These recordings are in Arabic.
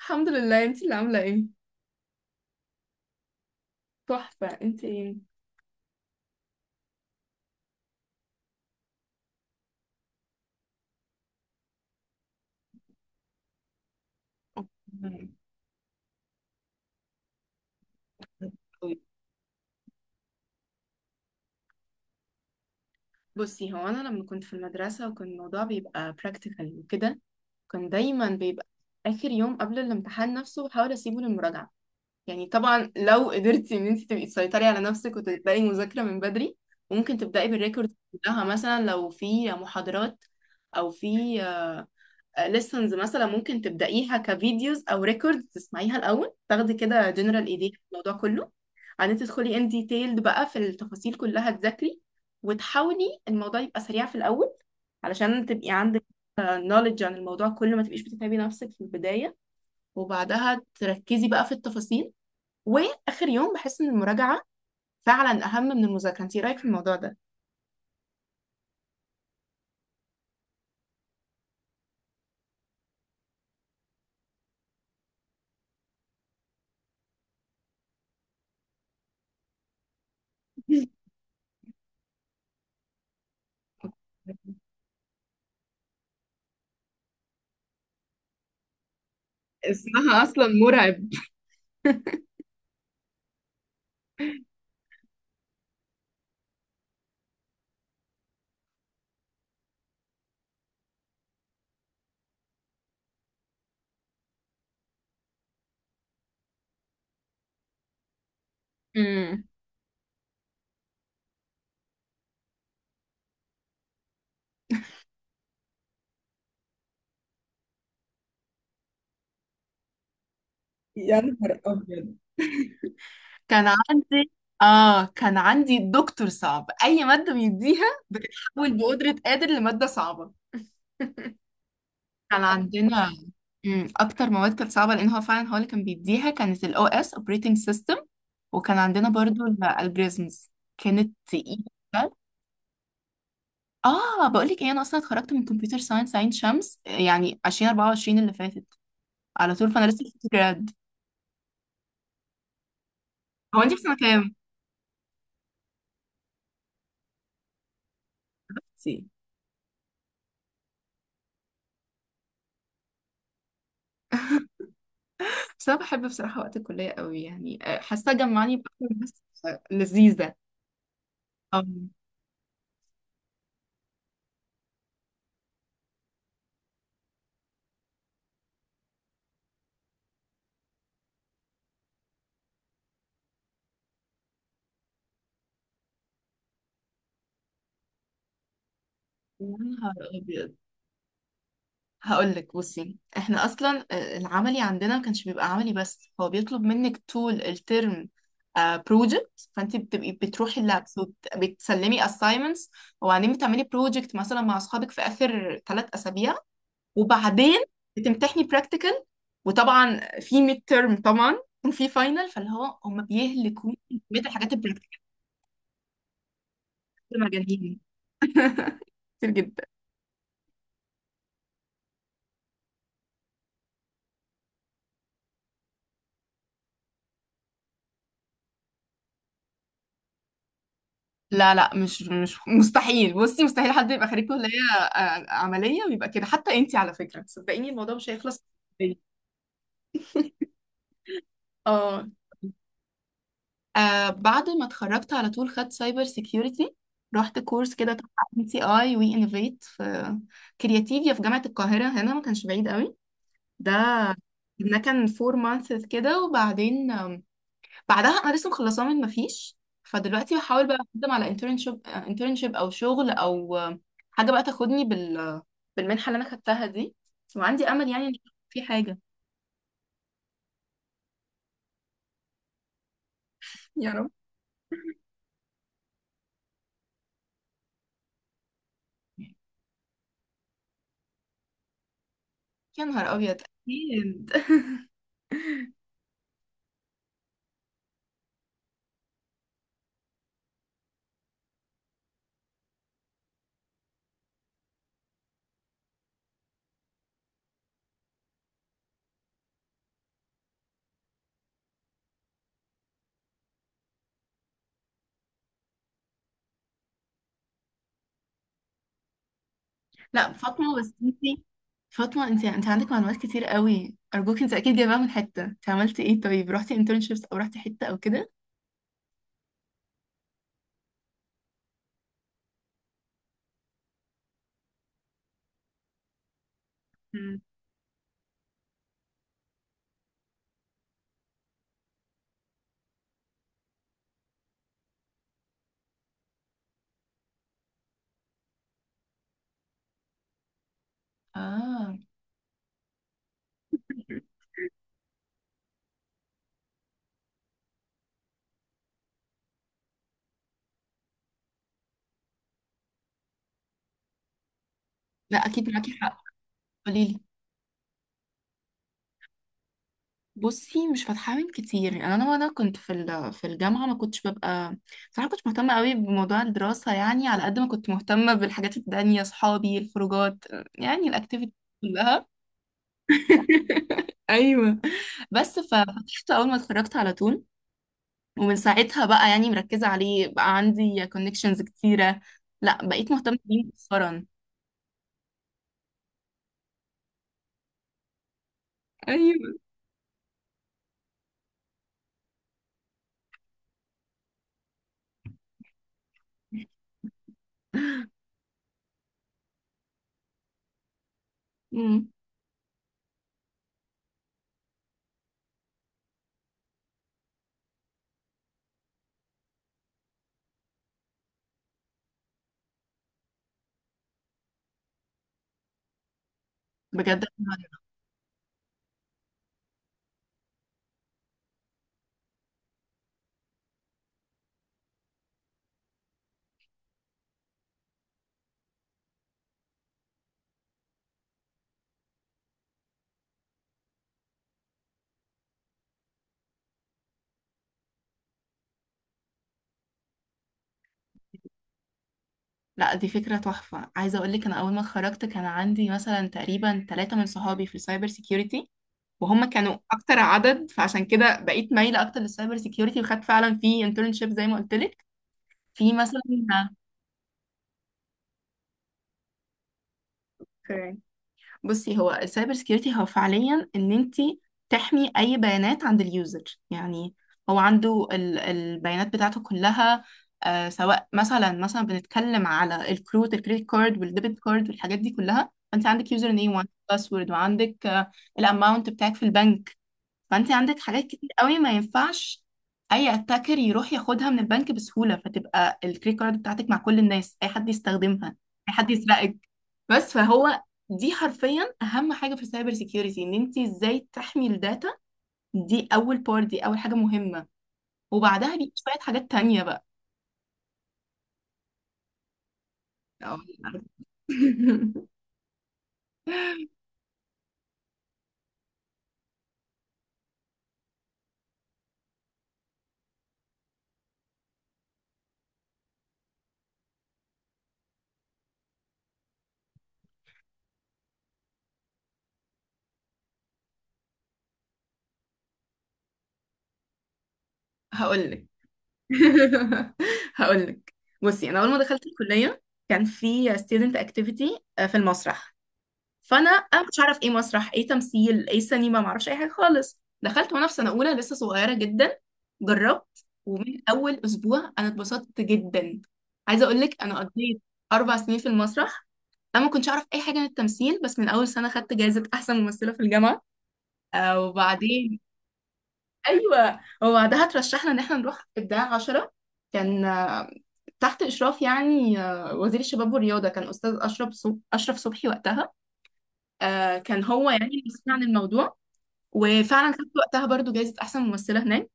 الحمد لله. انتي اللي عاملة ايه؟ تحفة. انتي ايه؟ أوكي. بصي، هو انا لما كنت في المدرسة وكان الموضوع بيبقى practical وكده كان دايما بيبقى اخر يوم قبل الامتحان نفسه بحاول اسيبه للمراجعة. يعني طبعا لو قدرتي ان انتي تبقي تسيطري على نفسك وتبدأي مذاكرة من بدري، وممكن تبدأي بالريكورد كلها مثلا لو في محاضرات او في ليسنز، مثلا ممكن تبدأيها كفيديوز أو ريكورد تسمعيها الأول، تاخدي كده جنرال إيديا في الموضوع كله. بعدين تدخلي ان ديتيلد بقى في التفاصيل كلها تذاكري، وتحاولي الموضوع يبقى سريع في الأول علشان تبقي عندك نوليدج عن الموضوع كله، ما تبقيش بتتعبي نفسك في البداية وبعدها تركزي بقى في التفاصيل. وآخر يوم بحس إن المراجعة فعلا أهم من المذاكرة. انتي إيه رأيك في الموضوع ده؟ اسمها اصلا مرعب. امم يا نهار ابيض. كان عندي اه كان عندي دكتور صعب، اي ماده بيديها بتتحول بقدره قادر لماده صعبه. كان عندنا اكتر مواد كانت صعبه، لان هو فعلا هو اللي كان بيديها، كانت الاو اس اوبريتنج سيستم. وكان عندنا برضو الالجوريزمز، كانت تقيله. اه بقول لك ايه، انا اصلا اتخرجت من كمبيوتر ساينس عين شمس يعني 2024 اللي فاتت. على طول فانا لسه في جراد. هو انت في سنه كام؟ بصي. بس أنا بحب بصراحة وقت الكلية قوي، يعني حاسة جمعني بأكتر ناس لذيذة. أو يا نهار أبيض. هقول لك بصي، احنا اصلا العملي عندنا ما كانش بيبقى عملي، بس هو بيطلب منك طول الترم بروجكت، فانت بتبقي بتروحي اللابس وبتسلمي assignments، وبعدين بتعملي بروجكت مثلا مع اصحابك في اخر 3 اسابيع. وبعدين بتمتحني practical، وطبعا في ميد ترم طبعا، وفي فاينل، فاللي هو هم بيهلكوا كمية الحاجات. مجانين. كتير جدا. لا، لا، مش مستحيل. بصي، مستحيل حد يبقى خريج كلية عملية ويبقى كده. حتى انتي على فكرة، صدقيني الموضوع مش هيخلص. اه. بعد ما اتخرجت على طول خدت سايبر سيكيورتي. رحت كورس كده تبع ان تي اي وي انوفيت في كرياتيفيا في جامعة القاهرة، هنا ما كانش بعيد قوي. ده ده كان فور مانثس كده. وبعدين بعدها انا لسه مخلصاه، من مفيش. فدلوقتي بحاول بقى اقدم على انترنشيب او شغل او حاجه بقى تاخدني بالمنحه اللي انا خدتها دي. وعندي امل يعني ان في حاجه. يا رب. يا نهار ابيض. اكيد. لا، فاطمه، انت عندك معلومات كتير قوي، ارجوك. انت اكيد جايباها من حته، انت عملتي ايه؟ طيب، رحتي انترنشيبس او رحتي حته او كده؟ مم. اه. لا، اكيد معاكي حق. قوليلي. بصي، مش فاتحة كتير. يعني وانا كنت في الجامعه، ما كنتش ببقى صراحه. كنت مهتمه قوي بموضوع الدراسه، يعني على قد ما كنت مهتمه بالحاجات التانية، صحابي، الخروجات، يعني الاكتيفيتي كلها. ايوه. بس ففتحته اول ما اتخرجت على طول. ومن ساعتها بقى يعني مركزه عليه، بقى عندي كونكشنز كتيره. لا، بقيت مهتمه بيه مؤخرا. ايوه. امم. بجد. لا، دي فكرة تحفة. عايزة اقول لك، انا اول ما اتخرجت كان عندي مثلا تقريبا ثلاثة من صحابي في السايبر سيكيورتي، وهم كانوا اكتر عدد، فعشان كده بقيت مايلة اكتر للسايبر سيكيورتي، وخدت فعلا في انترنشيب زي ما قلت لك، في مثلا. بصي، هو السايبر سكيورتي هو فعليا ان انت تحمي اي بيانات عند اليوزر. يعني هو عنده البيانات بتاعته كلها، آه، سواء مثلا بنتكلم على الكروت، الكريدت كارد والديبت كارد والحاجات دي كلها. فانت عندك يوزر نيم، وعندك باسورد، وعندك الاماونت بتاعك في البنك. فانت عندك حاجات كتير قوي ما ينفعش اي اتاكر يروح ياخدها من البنك بسهوله، فتبقى الكريدت كارد بتاعتك مع كل الناس، اي حد يستخدمها، اي حد يسرقك. بس فهو، دي حرفيا اهم حاجه في السايبر سيكيورتي، ان انت ازاي تحمي الداتا. دي اول بار، دي اول حاجه مهمه. وبعدها بيجي شويه حاجات تانية بقى. هقول لك هقول لك. بصي، انا اول ما دخلت الكليه كان في student activity، في المسرح. فانا مش عارف ايه مسرح ايه تمثيل ايه سينما، ما اعرفش اي حاجه خالص. دخلت وانا في سنه اولى لسه صغيره جدا. جربت، ومن اول اسبوع انا اتبسطت جدا. عايزه اقول لك انا قضيت 4 سنين في المسرح. انا ما كنتش اعرف اي حاجه عن التمثيل، بس من اول سنه خدت جائزه احسن ممثله في الجامعه. وبعدين. ايوه، وبعدها ترشحنا ان احنا نروح ابداع عشرة. كان تحت اشراف يعني وزير الشباب والرياضه، كان استاذ اشرف اشرف صبحي وقتها. كان هو يعني اللي مسؤول عن الموضوع. وفعلا خدت وقتها برضو جايزة أحسن ممثلة هناك.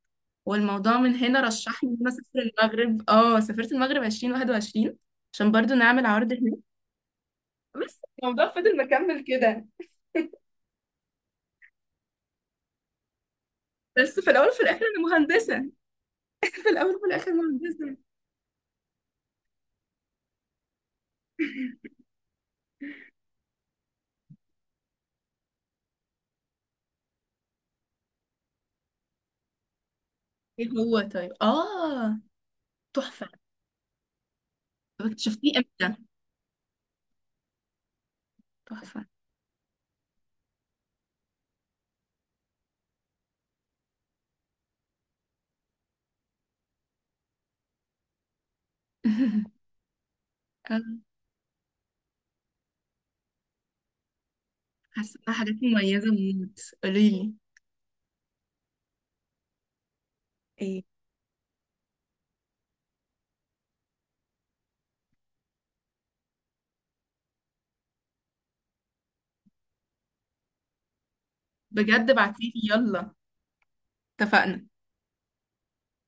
والموضوع من هنا رشحني إن أنا أسافر المغرب. اه سافرت المغرب 2021 عشان برضو نعمل عرض هناك. بس الموضوع فضل مكمل كده. بس في الأول وفي الآخر أنا مهندسة. في الأول وفي الآخر مهندسة. ايه هو، طيب. اه، تحفة. طب اكتشفتيه امتى؟ تحفة. آه، حاسة انها حاجات مميزة موت. قوليلي ايه. بجد بعتيلي، يلا. اتفقنا.